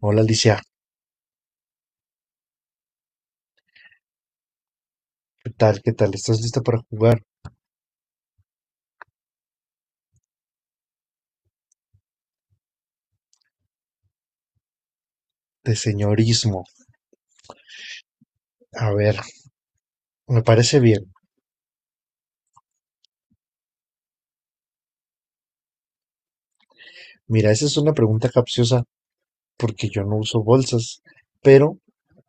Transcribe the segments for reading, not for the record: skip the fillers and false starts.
Hola Alicia, ¿qué tal? ¿Qué tal? ¿Estás lista para jugar de señorismo? A ver, me parece bien. Mira, esa es una pregunta capciosa porque yo no uso bolsas, pero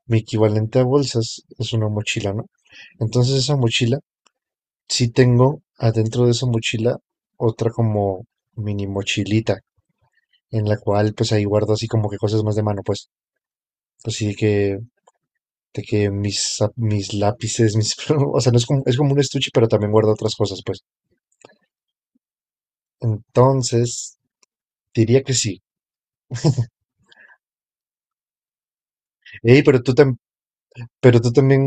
mi equivalente a bolsas es una mochila, ¿no? Entonces esa mochila, sí tengo adentro de esa mochila otra como mini mochilita en la cual pues ahí guardo así como que cosas más de mano, pues así de que mis, mis lápices, mis, o sea, no es como, es como un estuche, pero también guardo otras cosas, pues. Entonces, diría que sí. Ey, pero tú, pero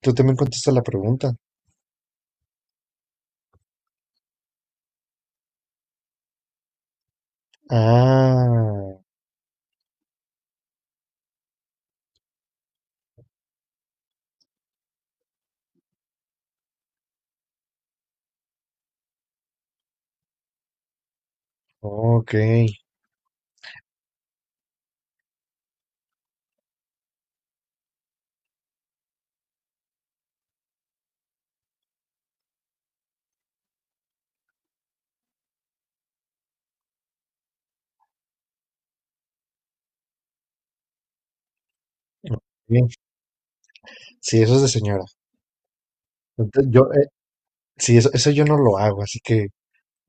tú también contestas la pregunta. Ah, ok. Bien. Sí, eso es de señora. Yo, sí, eso yo no lo hago, así que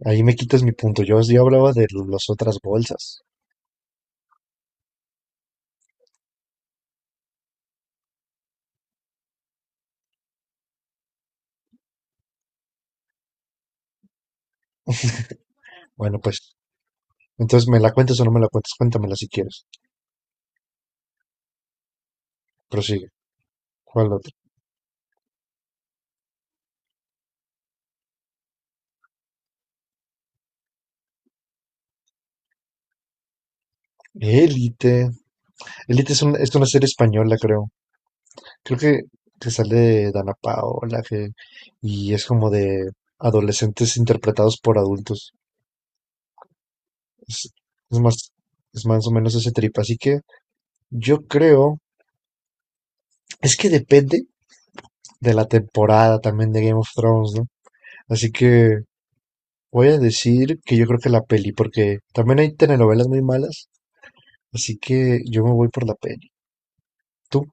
ahí me quitas mi punto. Yo hablaba de las otras bolsas. Bueno, pues, entonces, ¿me la cuentas o no me la cuentas? Cuéntamela si quieres. Prosigue. ¿Cuál otra? Élite. Élite es, es una serie española, creo. Creo que sale Dana Paola, que, y es como de adolescentes interpretados por adultos. Es, es más, es más o menos ese trip. Así que yo creo, es que depende de la temporada también de Game of Thrones, ¿no? Así que voy a decir que yo creo que la peli, porque también hay telenovelas muy malas, así que yo me voy por la peli. ¿Tú?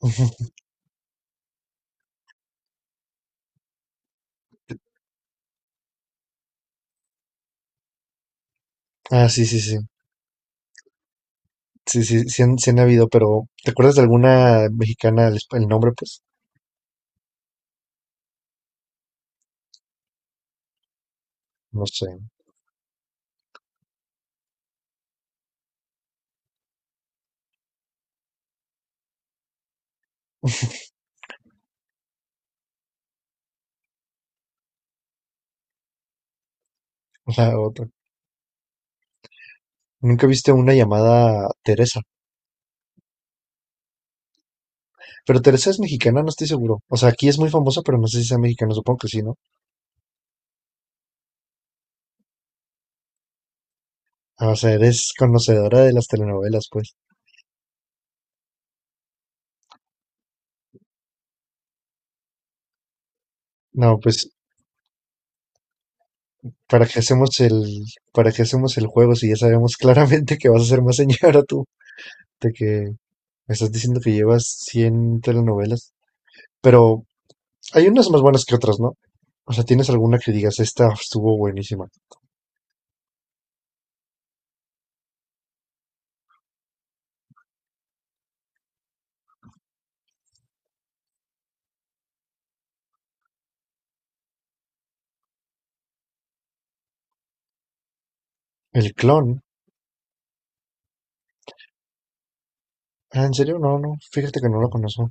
Ah, sí, sí, sí. Sí, sí, sí han habido, pero ¿te acuerdas de alguna mexicana el, el nombre? Pues no sé, la otra. Nunca viste una llamada Teresa, pero Teresa es mexicana, no estoy seguro. O sea, aquí es muy famosa, pero no sé si sea mexicana, supongo que sí, ¿no? Ah, o sea, eres conocedora de las telenovelas, pues. No, pues, ¿para qué hacemos para qué hacemos el juego si ya sabemos claramente que vas a ser más señora tú? De que me estás diciendo que llevas 100 telenovelas. Pero hay unas más buenas que otras, ¿no? O sea, ¿tienes alguna que digas, esta estuvo buenísima? El clon. Ah, ¿en serio? No, no, fíjate que no lo conozco.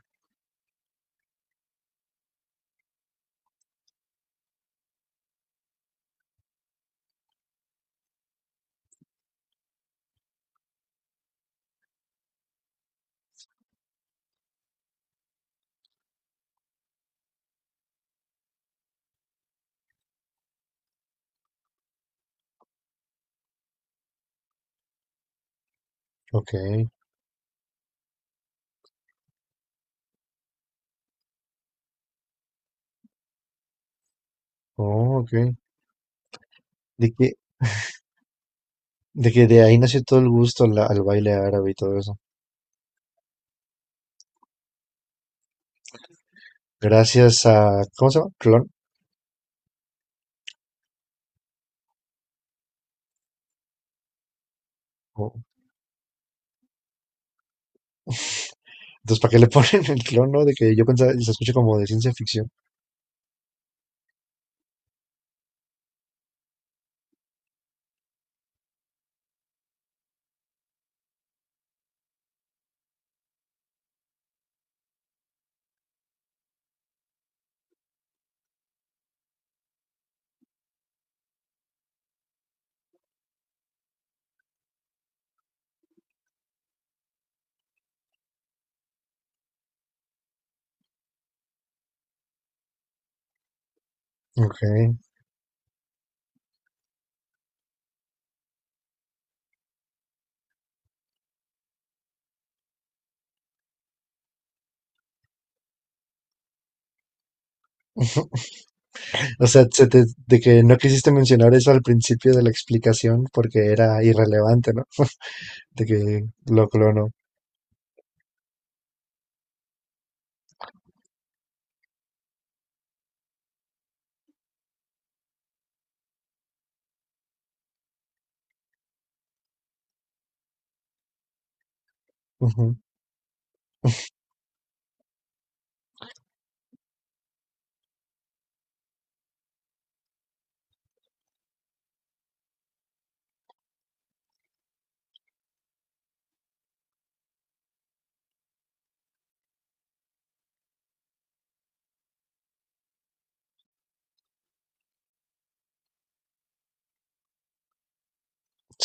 Ok, oh, ok. De que, de que de ahí nació todo el gusto al baile árabe y todo eso. Gracias a, ¿cómo se llama? Clon. Entonces, ¿para qué le ponen el clon, no? De que yo pensaba, y se escucha como de ciencia ficción. Ok. O sea, de que no quisiste mencionar eso al principio de la explicación porque era irrelevante, ¿no? De que lo clonó. Ujú.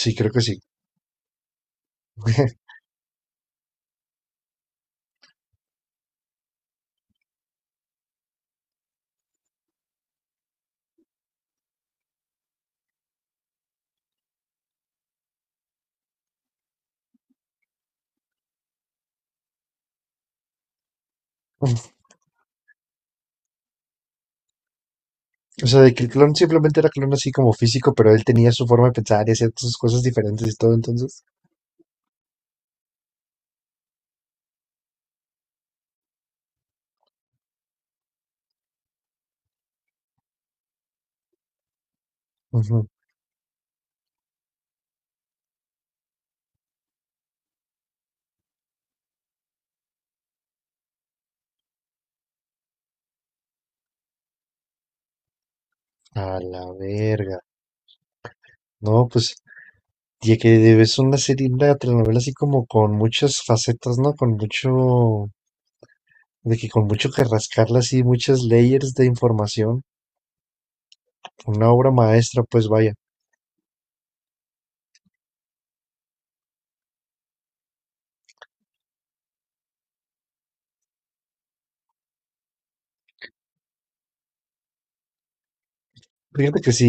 Sí, creo que sí. O sea, de que el clon simplemente era clon así como físico, pero él tenía su forma de pensar y hacía sus cosas diferentes y todo, entonces. Ujú. A la verga. No, pues, ya que es una serie, una telenovela así como con muchas facetas, ¿no? Con mucho, de que con mucho que rascarle así, muchas layers de información. Una obra maestra, pues vaya. Fíjate que sí,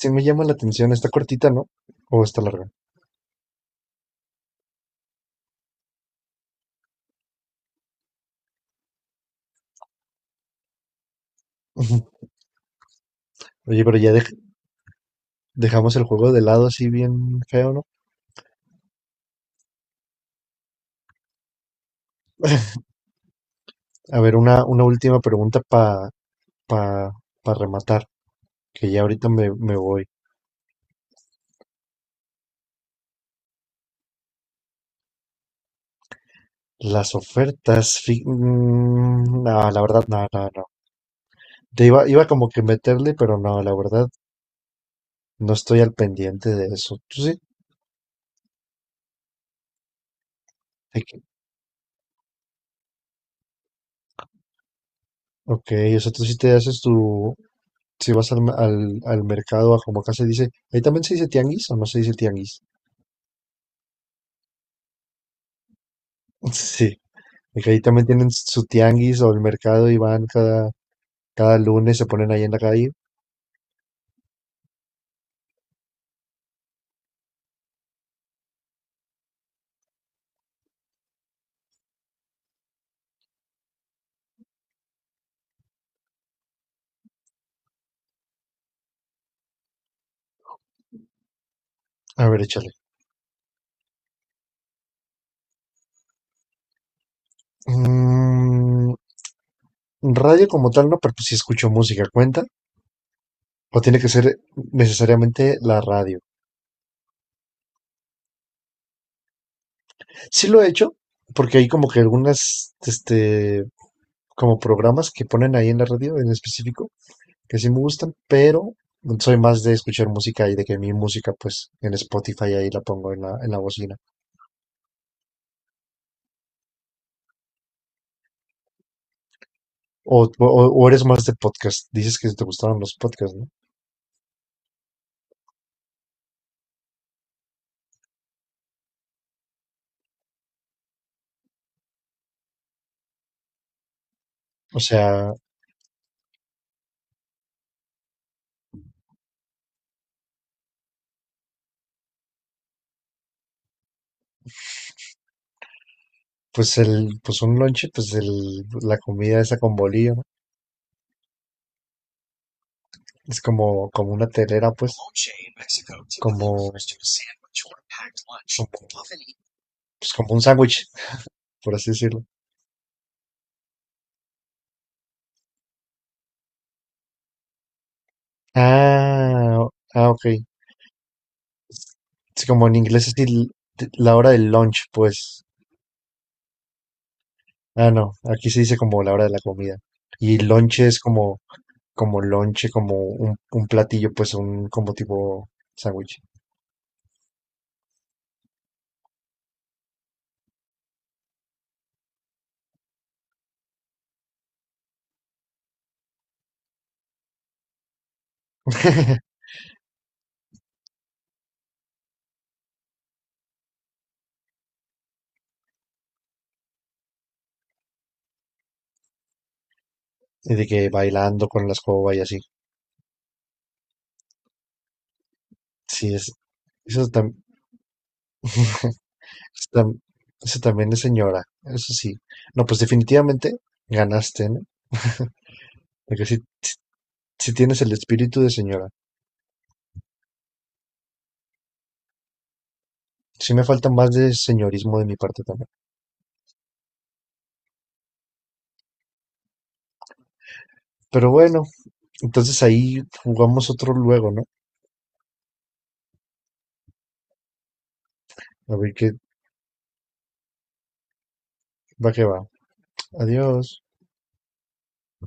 sí me llama la atención. Está cortita, ¿no? O está larga. Oye, pero ya dejamos el juego de lado así bien feo, ¿no? A ver, una última pregunta para pa, pa pa rematar, que ya ahorita me, me voy. Las ofertas, no, la verdad, no, no, no. Te iba como que meterle, pero no, la verdad, no estoy al pendiente de eso. ¿Tú sí? De que- Ok, o sea, tú sí te haces tu, si vas al mercado, a como acá se dice, ahí también se dice tianguis o no se dice tianguis. Sí, y que ahí también tienen su tianguis o el mercado y van cada, cada lunes, se ponen ahí en la calle. A ver, échale. Mm, radio como tal no, pero pues sí escucho música, ¿cuenta? O tiene que ser necesariamente la radio. Sí lo he hecho, porque hay como que algunas, este, como programas que ponen ahí en la radio en específico, que sí me gustan, pero soy más de escuchar música y de que mi música, pues, en Spotify ahí la pongo en en la bocina. O eres más de podcast. Dices que te gustaban los podcasts, ¿no? O sea, pues pues un lonche, pues el, la comida esa con bolillo, ¿no? Es como, como una telera, como, pues como un sándwich, por así decirlo. Ah, ah, ok. Es como en inglés es la hora del lunch, pues. Ah, no, aquí se dice como la hora de la comida. Y lonche es como, como lonche, como un platillo, pues un, como tipo sándwich. Y de que bailando con la escoba y así. Sí, es, eso, eso tam- eso también es señora, eso sí. No, pues definitivamente ganaste, ¿no? Porque sí, sí tienes el espíritu de señora. Sí me falta más de señorismo de mi parte también. Pero bueno, entonces ahí jugamos otro luego, ¿no? A ver qué va que va. Adiós.